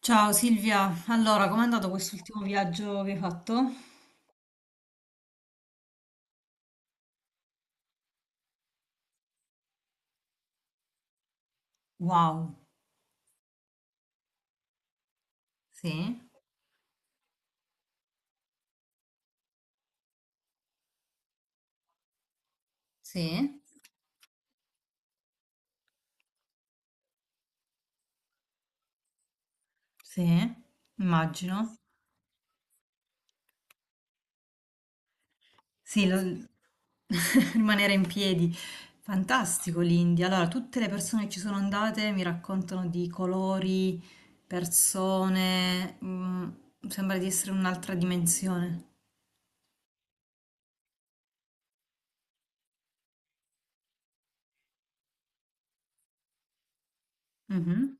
Ciao Silvia, allora com'è andato quest'ultimo viaggio che hai fatto? Wow, sì, sì, sì, immagino. Sì, rimanere in piedi. Fantastico l'India. Allora, tutte le persone che ci sono andate mi raccontano di colori, persone, sembra di essere un'altra dimensione. Mhm.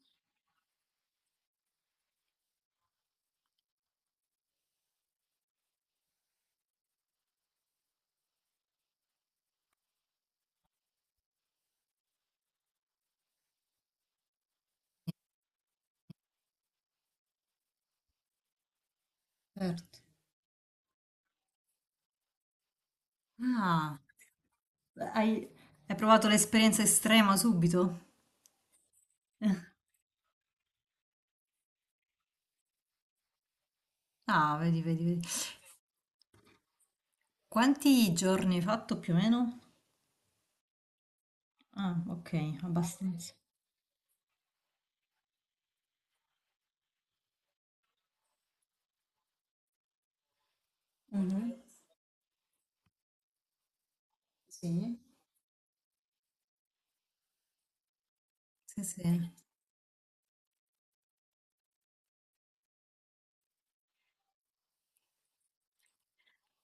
Certo. Ah, hai hai provato l'esperienza estrema subito? Ah, vedi, vedi, vedi. Quanti giorni hai fatto più o meno? Ah, ok, abbastanza. Mhm. Sì. Sì, sì.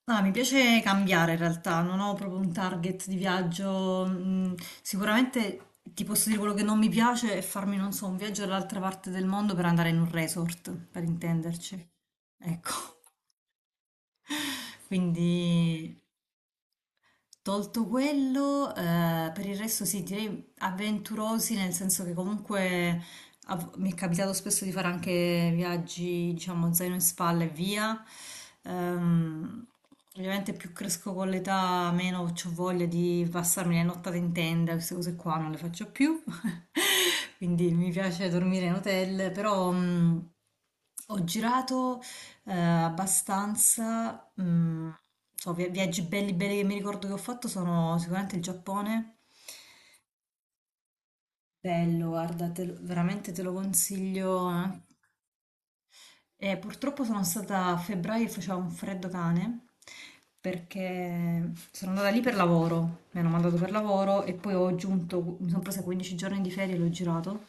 No, mi piace cambiare in realtà, non ho proprio un target di viaggio. Sicuramente ti posso dire quello che non mi piace è farmi, non so, un viaggio all'altra parte del mondo per andare in un resort, per intenderci. Ecco. Quindi, tolto quello, per il resto sì, direi avventurosi, nel senso che comunque mi è capitato spesso di fare anche viaggi, diciamo, zaino in spalla e via. Ehm, Ovviamente più cresco con l'età, meno ho voglia di passarmi le nottate in tenda, queste cose qua non le faccio più. Quindi mi piace dormire in hotel, però ho girato abbastanza, viaggi belli belli che mi ricordo che ho fatto sono sicuramente il Giappone. Bello, guarda, veramente te lo consiglio. E purtroppo sono stata a febbraio e faceva un freddo cane perché sono andata lì per lavoro, mi hanno mandato per lavoro e poi ho aggiunto, mi sono presa 15 giorni di ferie e l'ho girato.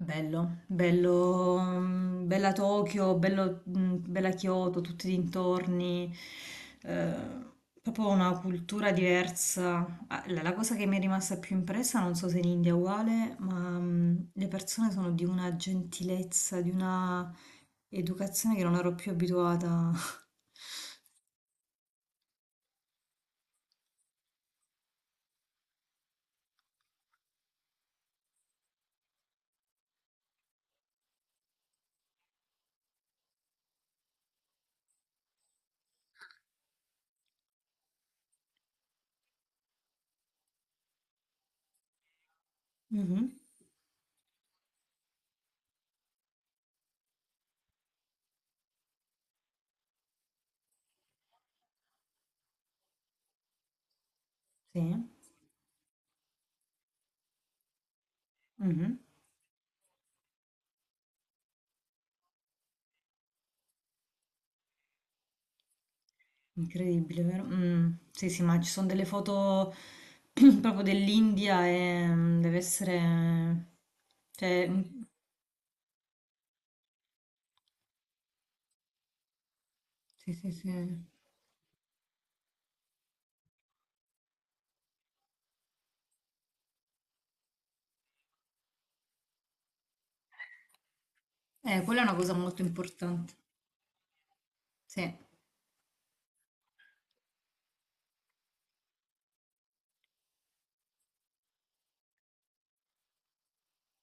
Bello, bello, bella Tokyo, bello, bella Kyoto, tutti i dintorni, eh, proprio una cultura diversa. Ah, la cosa che mi è rimasta più impressa, non so se in India è uguale, ma le persone sono di una gentilezza, di una educazione che non ero più abituata. Mhm, sì, mhm. Incredibile, vero? Mm, sì, sì, ma ci sono delle foto proprio dell'India e deve essere. Cioè, mm, sì, sì, sì. Quella è una cosa molto importante. Sì.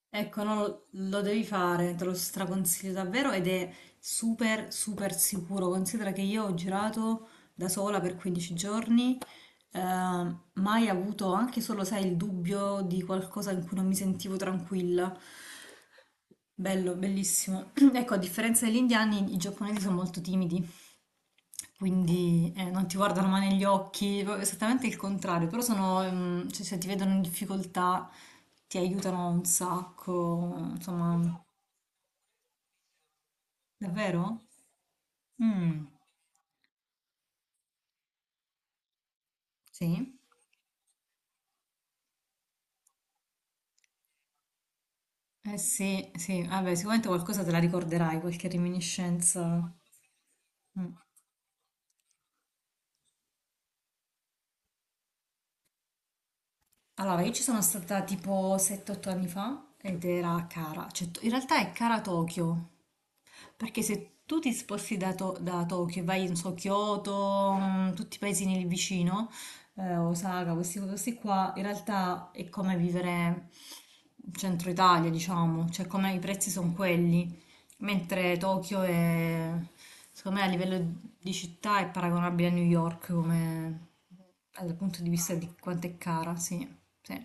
Ecco, no, lo devi fare, te lo straconsiglio davvero ed è super, super sicuro. Considera che io ho girato da sola per 15 giorni, eh, mai avuto anche solo, sai, il dubbio di qualcosa in cui non mi sentivo tranquilla. Bello, bellissimo. Ecco, a differenza degli indiani, i giapponesi sono molto timidi, quindi non ti guardano mai negli occhi, proprio esattamente il contrario, però sono, cioè, se ti vedono in difficoltà ti aiutano un sacco, insomma, davvero? Mm, sì. Eh sì, sì, vabbè, sicuramente qualcosa te la ricorderai, qualche reminiscenza. Mm. Allora, io ci sono stata tipo 7-8 anni fa ed era a cara, cioè in realtà è cara Tokyo, perché se tu ti sposti da Tokyo e vai, non so, Kyoto, tutti i paesini lì vicino, Osaka, questi qua, in realtà è come vivere in centro Italia, diciamo, cioè come i prezzi sono quelli, mentre Tokyo è, secondo me, a livello di città è paragonabile a New York come dal punto di vista di quanto è cara, sì. Sì.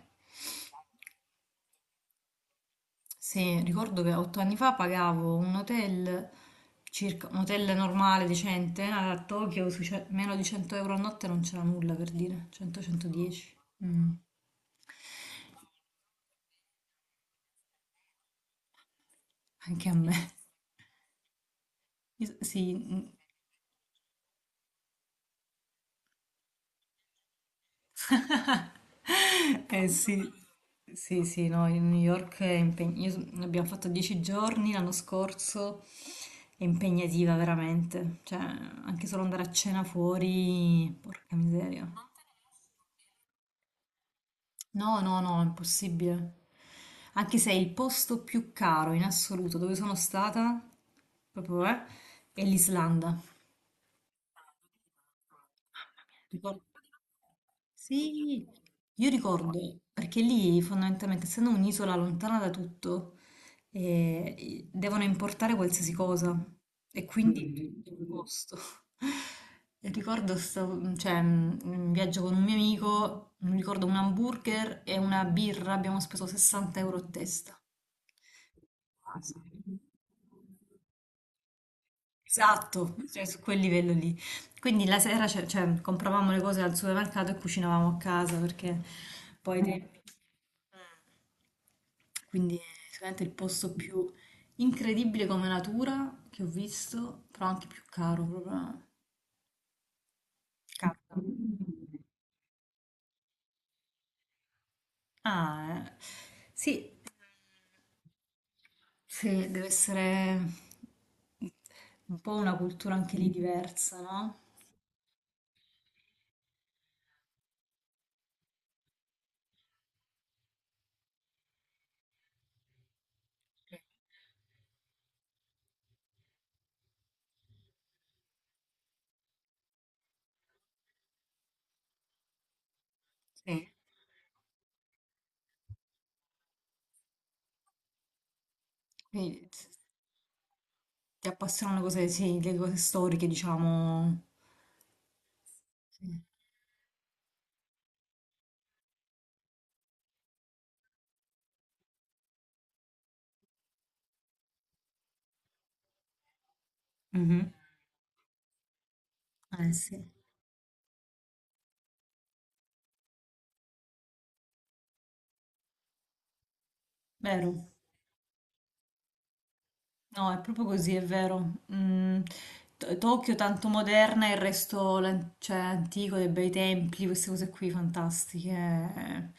Sì, ricordo che 8 anni fa pagavo un hotel, circa, un hotel normale, decente, a Tokyo, sui meno di 100 euro a notte non c'era nulla per dire, 100-110. Mm, anche a me. Sì. Mm. Eh sì, sì, sì, no, in New York è impegnativa. Abbiamo fatto 10 giorni l'anno scorso, è impegnativa veramente. Cioè, anche solo andare a cena fuori, porca miseria. No, no, no, impossibile. Anche se è il posto più caro in assoluto dove sono stata, proprio, è l'Islanda. Ricor- Sì, io ricordo, perché lì fondamentalmente, essendo un'isola lontana da tutto, devono importare qualsiasi cosa e quindi tutto il costo. E ricordo cioè, un viaggio con un mio amico, mi ricordo un hamburger e una birra, abbiamo speso 60 euro a testa. Esatto, cioè su quel livello lì. Quindi la sera cioè, compravamo le cose al supermercato e cucinavamo a casa perché poi. Mm. Quindi è sicuramente il posto più incredibile come natura che ho visto, però anche più caro, proprio caro. Ah, eh. Sì, sì, deve essere un po' una cultura anche lì diversa, no? Sì. Quindi, sì. Ti appassionano le cose, sì, le cose storiche, diciamo. Sì. Mhm. Eh sì, vero. No, è proprio così, è vero. Mm, Tokyo tanto moderna, il resto cioè, antico, dei bei templi, queste cose qui fantastiche.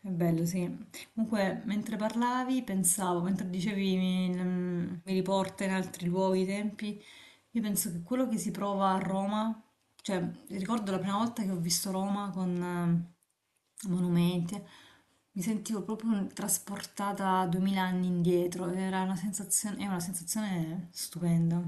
È bello, sì. Comunque, mentre parlavi, pensavo, mentre dicevi mi riporta in altri luoghi, i tempi, io penso che quello che si prova a Roma, cioè ricordo la prima volta che ho visto Roma con monumenti, mi sentivo proprio trasportata 2000 anni indietro, era una sensazione, è una sensazione stupenda.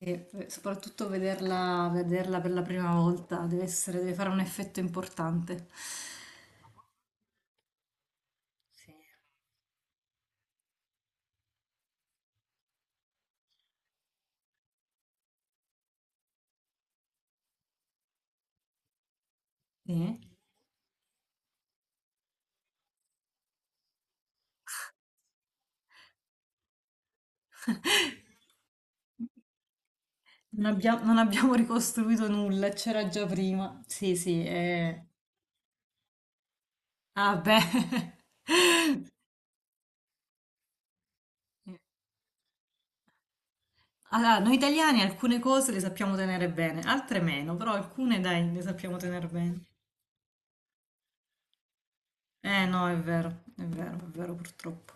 Soprattutto vederla, vederla per la prima volta deve fare un effetto importante. Sì. Sì. Non abbiamo ricostruito nulla, c'era già prima. Sì, sì, eh. Ah, beh. Allora, noi italiani alcune cose le sappiamo tenere bene, altre meno, però alcune dai, le sappiamo tenere bene. Eh no, è vero, è vero, è vero purtroppo.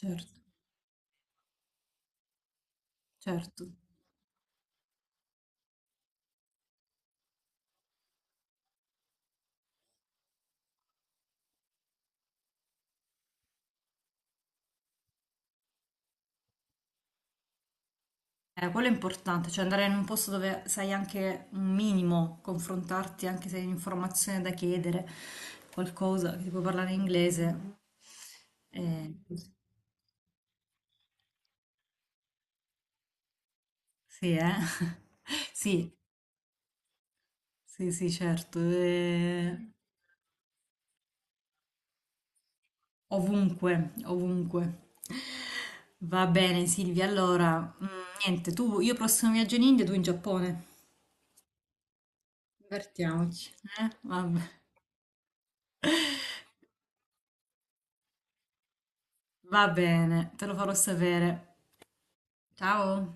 Certo, certo. Quello è importante, cioè andare in un posto dove sai anche un minimo, confrontarti anche se hai un'informazione da chiedere, qualcosa che ti puoi parlare in inglese. Eh, Sì, eh? Sì, sì, sì, certo. Ovunque, ovunque. Va bene, Silvia. Allora, niente, tu, io prossimo viaggio in India, tu in Giappone. Divertiamoci. Eh? Va bene, te lo farò sapere. Ciao.